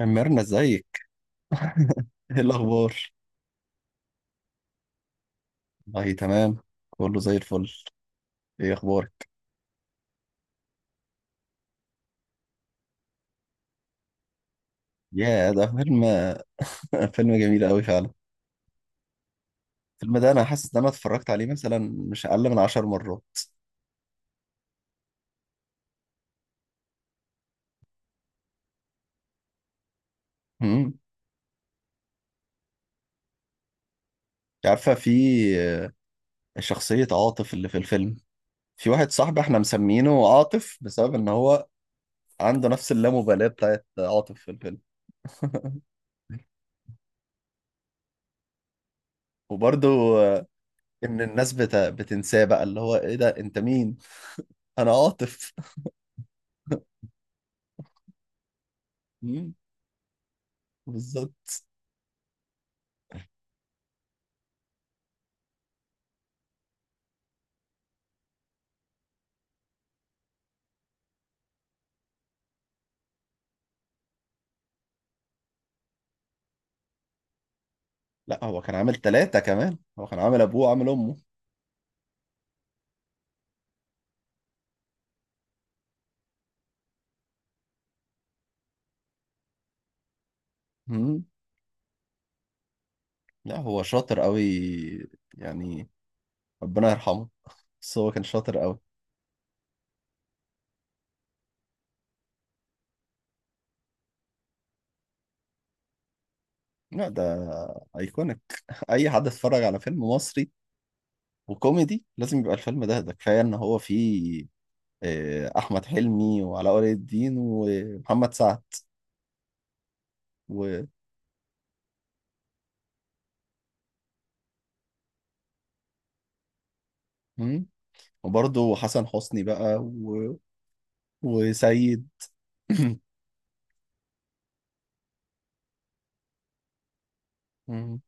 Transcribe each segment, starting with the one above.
ميرنا ازيك. ايه الاخبار؟ والله تمام، كله زي الفل. ايه اخبارك؟ يا ده فيلم! فيلم جميل قوي فعلا. الفيلم ده انا حاسس ان انا اتفرجت عليه مثلا مش اقل من عشر مرات. امم أنت عارفه في شخصيه عاطف اللي في الفيلم؟ في واحد صاحبي احنا مسمينه عاطف بسبب ان هو عنده نفس اللامبالاه بتاعت عاطف في الفيلم. وبرضه آه، ان الناس بتنساه بقى، اللي هو ايه ده انت مين؟ انا عاطف. مم، بالظبط. لا هو كان عامل ثلاثة، كمان هو كان عامل أبوه وعامل أمه. مم. لا هو شاطر قوي، يعني ربنا يرحمه، بس هو كان شاطر قوي. لا، ده أيكونيك. أي حد اتفرج على فيلم مصري وكوميدي لازم يبقى الفيلم ده كفاية إن هو فيه أحمد حلمي وعلاء ولي الدين ومحمد سعد و... مم. وبرضه حسن حسني بقى و... وسيد. مم.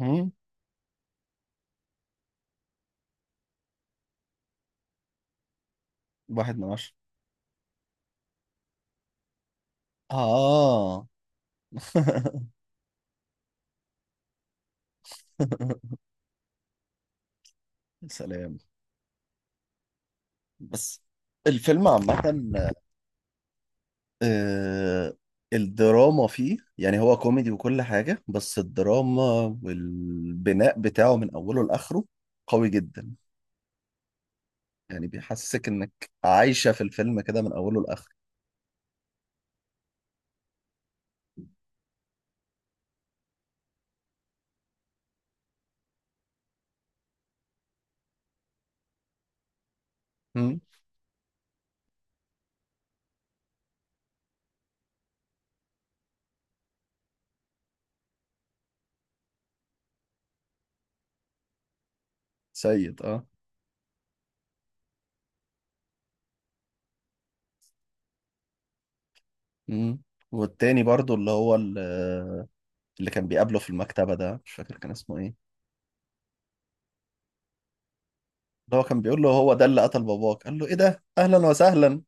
مم. واحد من عشرة. آه. سلام. بس الفيلم عامة، آه، الدراما فيه، يعني هو كوميدي وكل حاجة، بس الدراما والبناء بتاعه من أوله لآخره قوي جدا. يعني بيحسسك إنك عايشة في الفيلم كده من أوله لآخره. مم. سيد، اه. مم. والتاني برضو اللي هو اللي كان بيقابله في المكتبة ده، مش فاكر كان اسمه ايه. اللي هو كان بيقول له هو ده اللي قتل باباك، قال له ايه ده أهلا وسهلا؟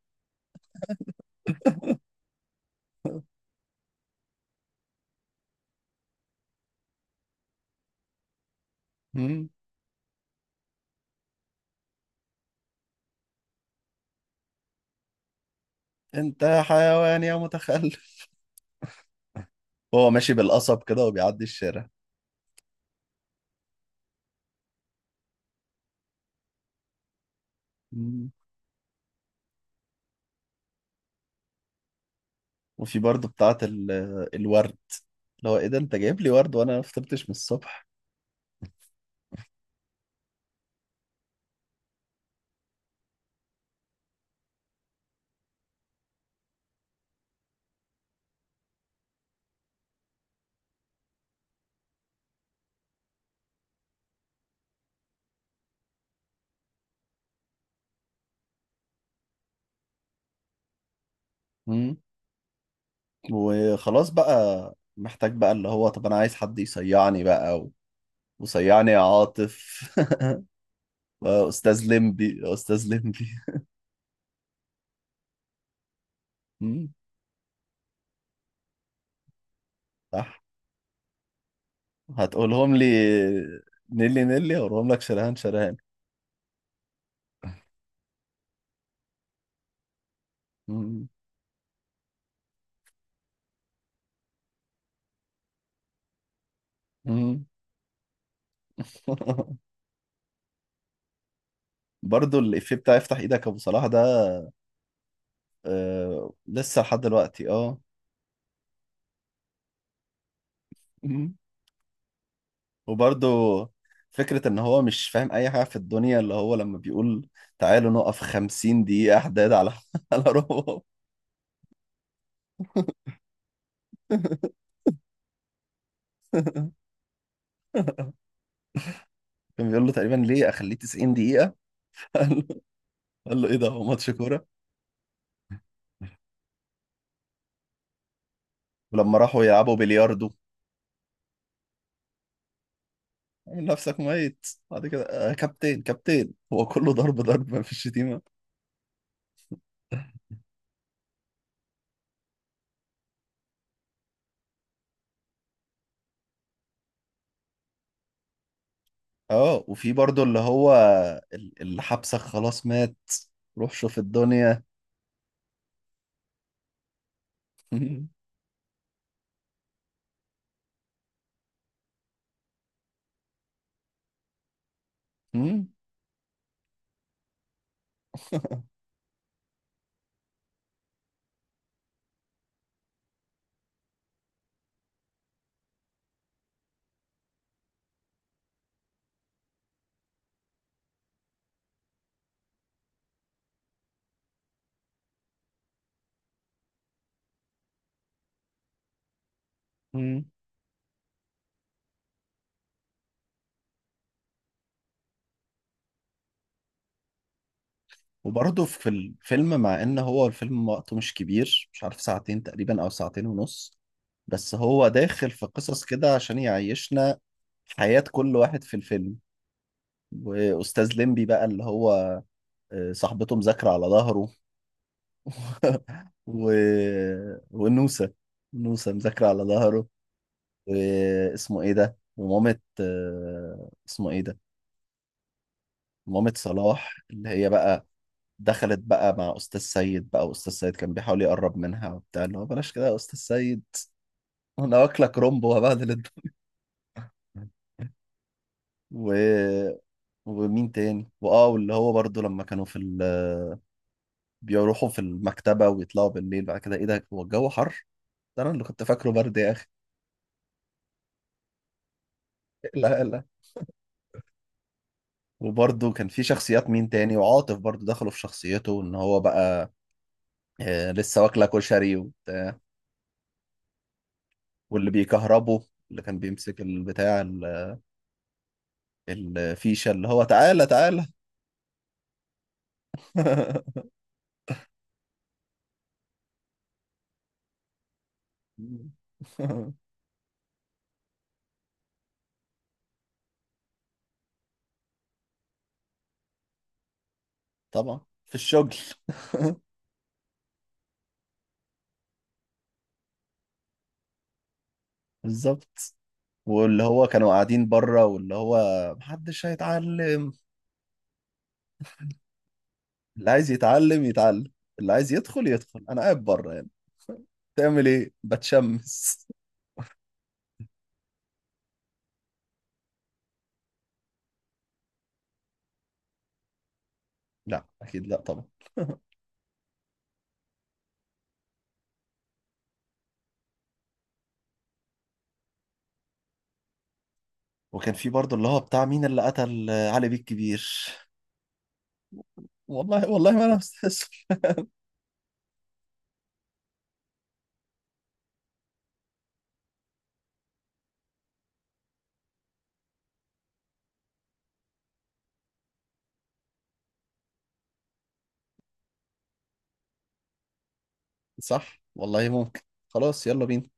مم. انت حيوان يا متخلف، هو ماشي بالقصب كده وبيعدي الشارع. مم. وفي برضه بتاعة الورد، اللي هو ايه ده انت جايب لي ورد وانا ما فطرتش من الصبح؟ مم. وخلاص بقى محتاج بقى اللي هو، طب انا عايز حد يصيعني بقى و... وصيعني يا عاطف. استاذ لمبي، استاذ لمبي. مم. صح. هتقولهم لي؟ نيلي نيلي، هقولهم لك شرهان شرهان. مم. مم. برضو الإفيه بتاع افتح ايدك يا ابو صلاح ده، آه لسه لحد دلوقتي، اه. مم. وبرضه فكرة إن هو مش فاهم أي حاجة في الدنيا، اللي هو لما بيقول تعالوا نقف خمسين دقيقة حداد على على روبوت. كان بيقول له تقريبا ليه أخليه 90 دقيقة؟ قال له قال له إيه ده هو ماتش كورة؟ ولما راحوا يلعبوا بلياردو، عامل نفسك ميت، بعد كده آه كابتن كابتن. هو كله ضرب ضرب، ما فيش شتيمة. اه، وفي برضه اللي هو اللي حبسك خلاص مات، روح شوف الدنيا. مم. مم. وبرضه في الفيلم، مع ان هو الفيلم وقته مش كبير، مش عارف ساعتين تقريبا او ساعتين ونص، بس هو داخل في قصص كده عشان يعيشنا حياة كل واحد في الفيلم. واستاذ ليمبي بقى اللي هو صاحبته مذاكرة على ظهره. و... ونوسة، نوسة مذاكرة على ظهره. واسمه ايه ده، ومامة اسمه ايه ده، مامة صلاح اللي هي بقى دخلت بقى مع أستاذ سيد، بقى وأستاذ سيد كان بيحاول يقرب منها وبتاع، اللي هو بلاش كده يا أستاذ سيد، أنا واكلك رومب وهبهدل الدنيا و... ومين تاني، وآه واللي هو برضو لما كانوا في بيروحوا في المكتبة ويطلعوا بالليل، بعد كده إيه ده هو الجو حر، ده أنا اللي كنت فاكره برد يا أخي. لا لا. وبرضه كان في شخصيات مين تاني، وعاطف برضه دخلوا في شخصيته ان هو بقى لسه واكله كشري وبتاع. واللي بيكهربه، اللي كان بيمسك البتاع الفيشه، اللي هو تعالى تعالى. طبعا في الشغل. بالظبط. واللي هو كانوا قاعدين بره، واللي هو محدش هيتعلم، اللي عايز يتعلم يتعلم، اللي عايز يدخل يدخل، انا قاعد بره يعني تعمل ايه، بتشمس. لا اكيد، لا طبعا. وكان في برضه اللي هو بتاع مين اللي قتل علي بيه الكبير. والله والله ما انا مستسلم. صح والله، ممكن. خلاص يلا بينا.